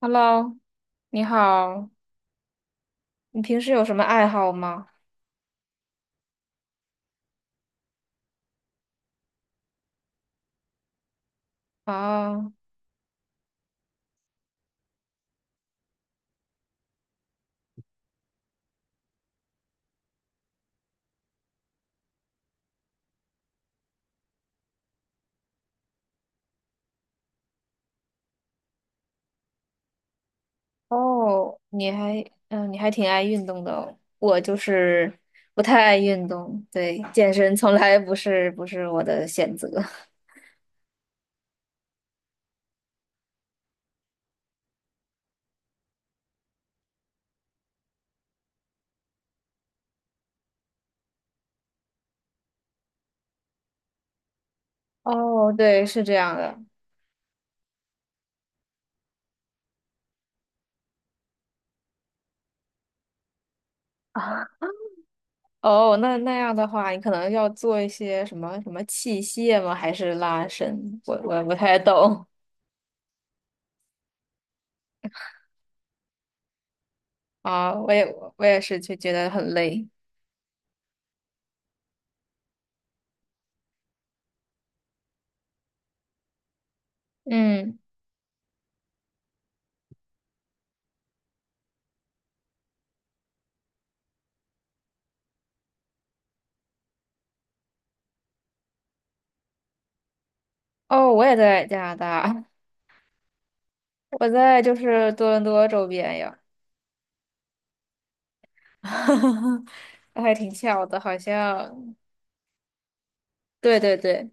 Hello，你好，你平时有什么爱好吗？啊，哦，你还挺爱运动的哦。我就是不太爱运动，对，健身从来不是我的选择。哦，对，是这样的。啊，哦，那样的话，你可能要做一些什么什么器械吗？还是拉伸？我不太懂啊，我也是就觉得很累。嗯，哦，我也在加拿大。我在就是多伦多周边呀，还挺巧的，好像。对对对，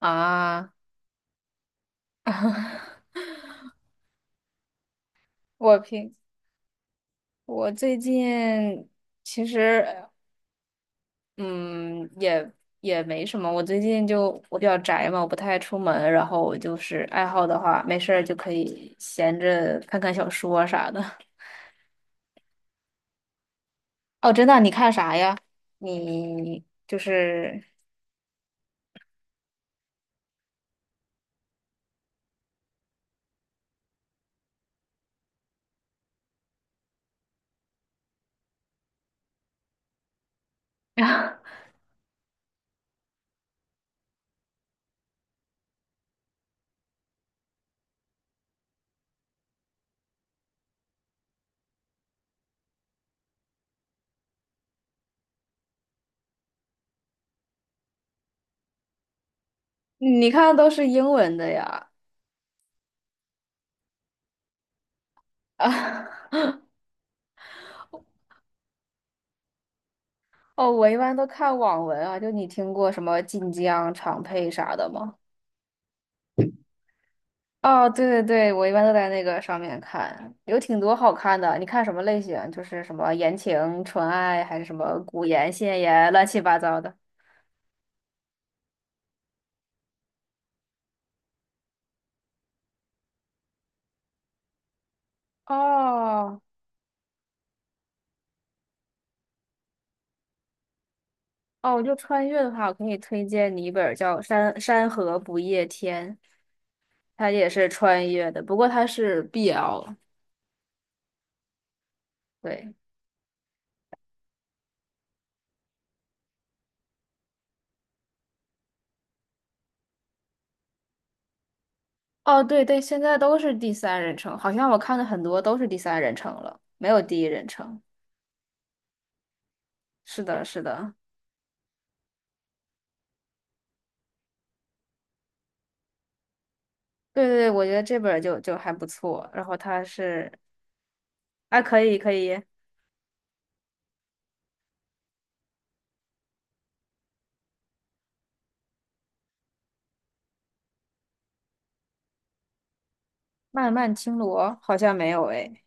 啊，我平我最近其实嗯也也没什么，我最近就我比较宅嘛，我不太出门，然后我就是爱好的话，没事儿就可以闲着看看小说啊啥的。哦，真的，你看啥呀？你就是 你看的都是英文的呀？啊 哦，我一般都看网文啊，就你听过什么晋江、长佩啥的吗？哦，对对对，我一般都在那个上面看，有挺多好看的。你看什么类型？就是什么言情、纯爱，还是什么古言、现言，乱七八糟的。哦哦，就穿越的话，我可以推荐你一本叫《山河不夜天》，它也是穿越的，不过它是 BL 对，哦对对，现在都是第三人称，好像我看的很多都是第三人称了，没有第一人称。是的，是的，对对对，我觉得这本儿就还不错。然后它是，啊，可以可以，漫漫青罗好像没有诶，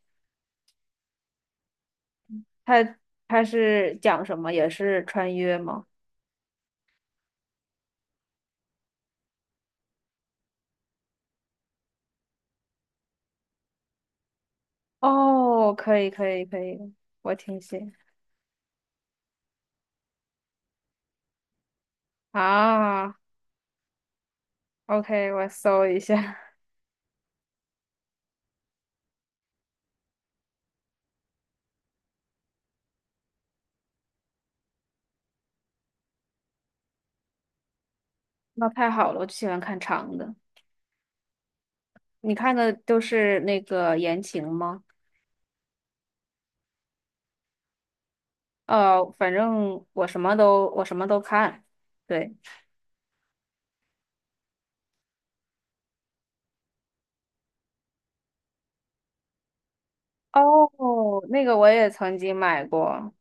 它它是讲什么？也是穿越吗？哦，可以可以可以，我听写啊，OK，我搜一下。那太好了，我就喜欢看长的。你看的都是那个言情吗？呃，反正我什么都看。对，哦，那个我也曾经买过。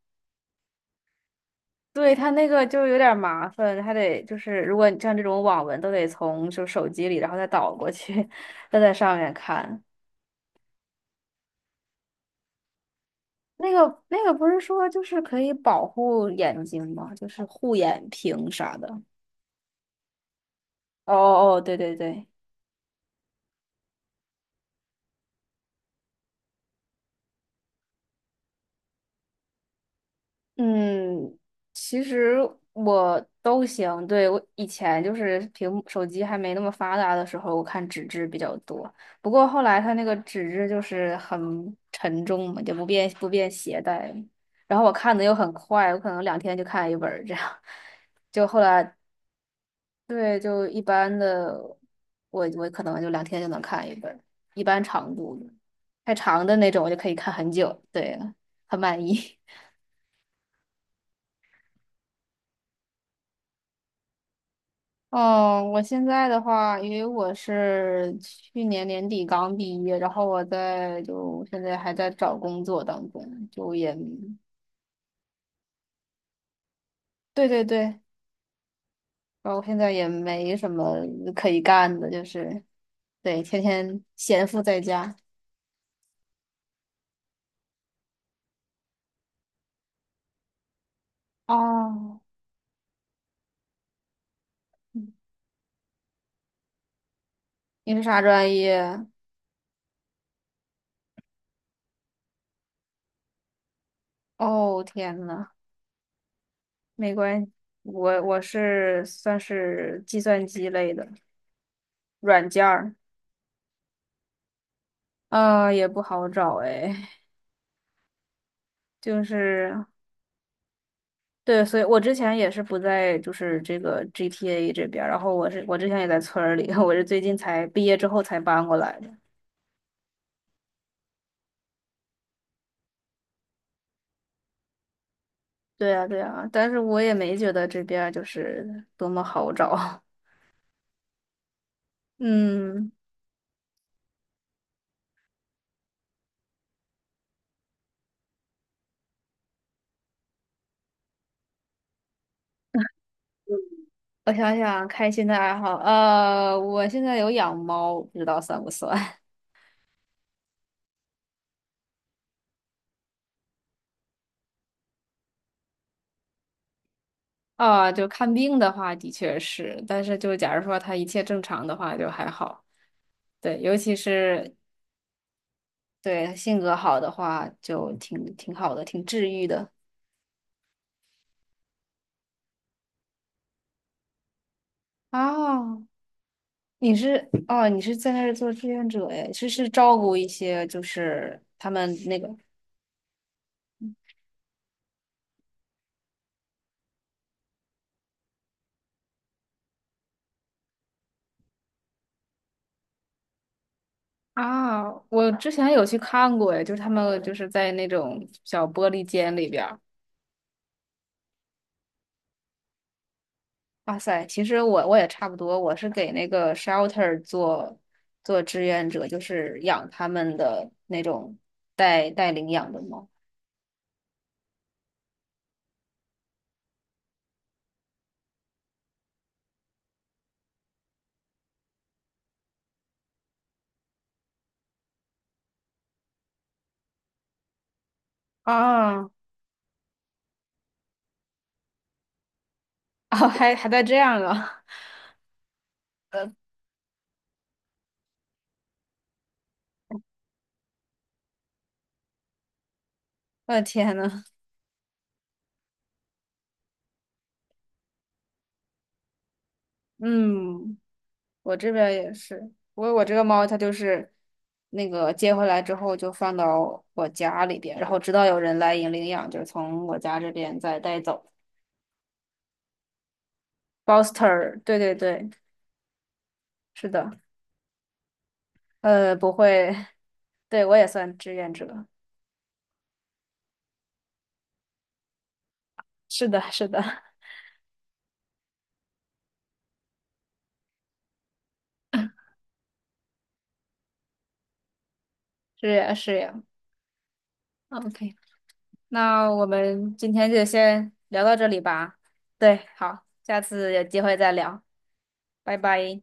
对，它那个就有点麻烦，还得就是如果你像这种网文都得从就手机里，然后再导过去，再在上面看。那个不是说就是可以保护眼睛吗？就是护眼屏啥的。哦哦，对对对，嗯，其实我都行。对，我以前就是屏幕手机还没那么发达的时候，我看纸质比较多。不过后来它那个纸质就是很沉重嘛，就不便携带。然后我看的又很快，我可能两天就看一本儿这样。就后来对，就一般的，我可能就两天就能看一本儿一般长度的太长的那种我就可以看很久。对，很满意。哦，我现在的话，因为我是去年年底刚毕业，然后就现在还在找工作当中，对对对，然后现在也没什么可以干的，就是对，天天闲赋在家。哦，你是啥专业？哦，天呐，没关系，我是算是计算机类的软件儿，也不好找哎。就是对，所以我之前也是不在，就是这个 GTA 这边儿然后我之前也在村儿里，我是最近才毕业之后才搬过来的。对呀对呀，但是我也没觉得这边儿就是多么好找。嗯，我想想，开心的爱好，我现在有养猫，不知道算不算 啊？就看病的话，的确是，但是就假如说它一切正常的话，就还好。对，尤其是对性格好的话，就挺好的，挺治愈的。哦，你是在那儿做志愿者哎，是照顾一些就是他们那个啊，我之前有去看过哎，就是他们就是在那种小玻璃间里边儿。哇塞，其实我也差不多，我是给那个 shelter 做志愿者，就是养他们的那种带领养的猫。啊 哦，还带这样啊！我的天呐，嗯。我这边也是，我这个猫它就是那个接回来之后就放到我家里边，然后直到有人来领养，就是从我家这边再带走。boster 对对对，是的，不会，对我也算志愿者，是的，是的，是呀，是呀。OK，那我们今天就先聊到这里吧。对，好，下次有机会再聊，拜拜。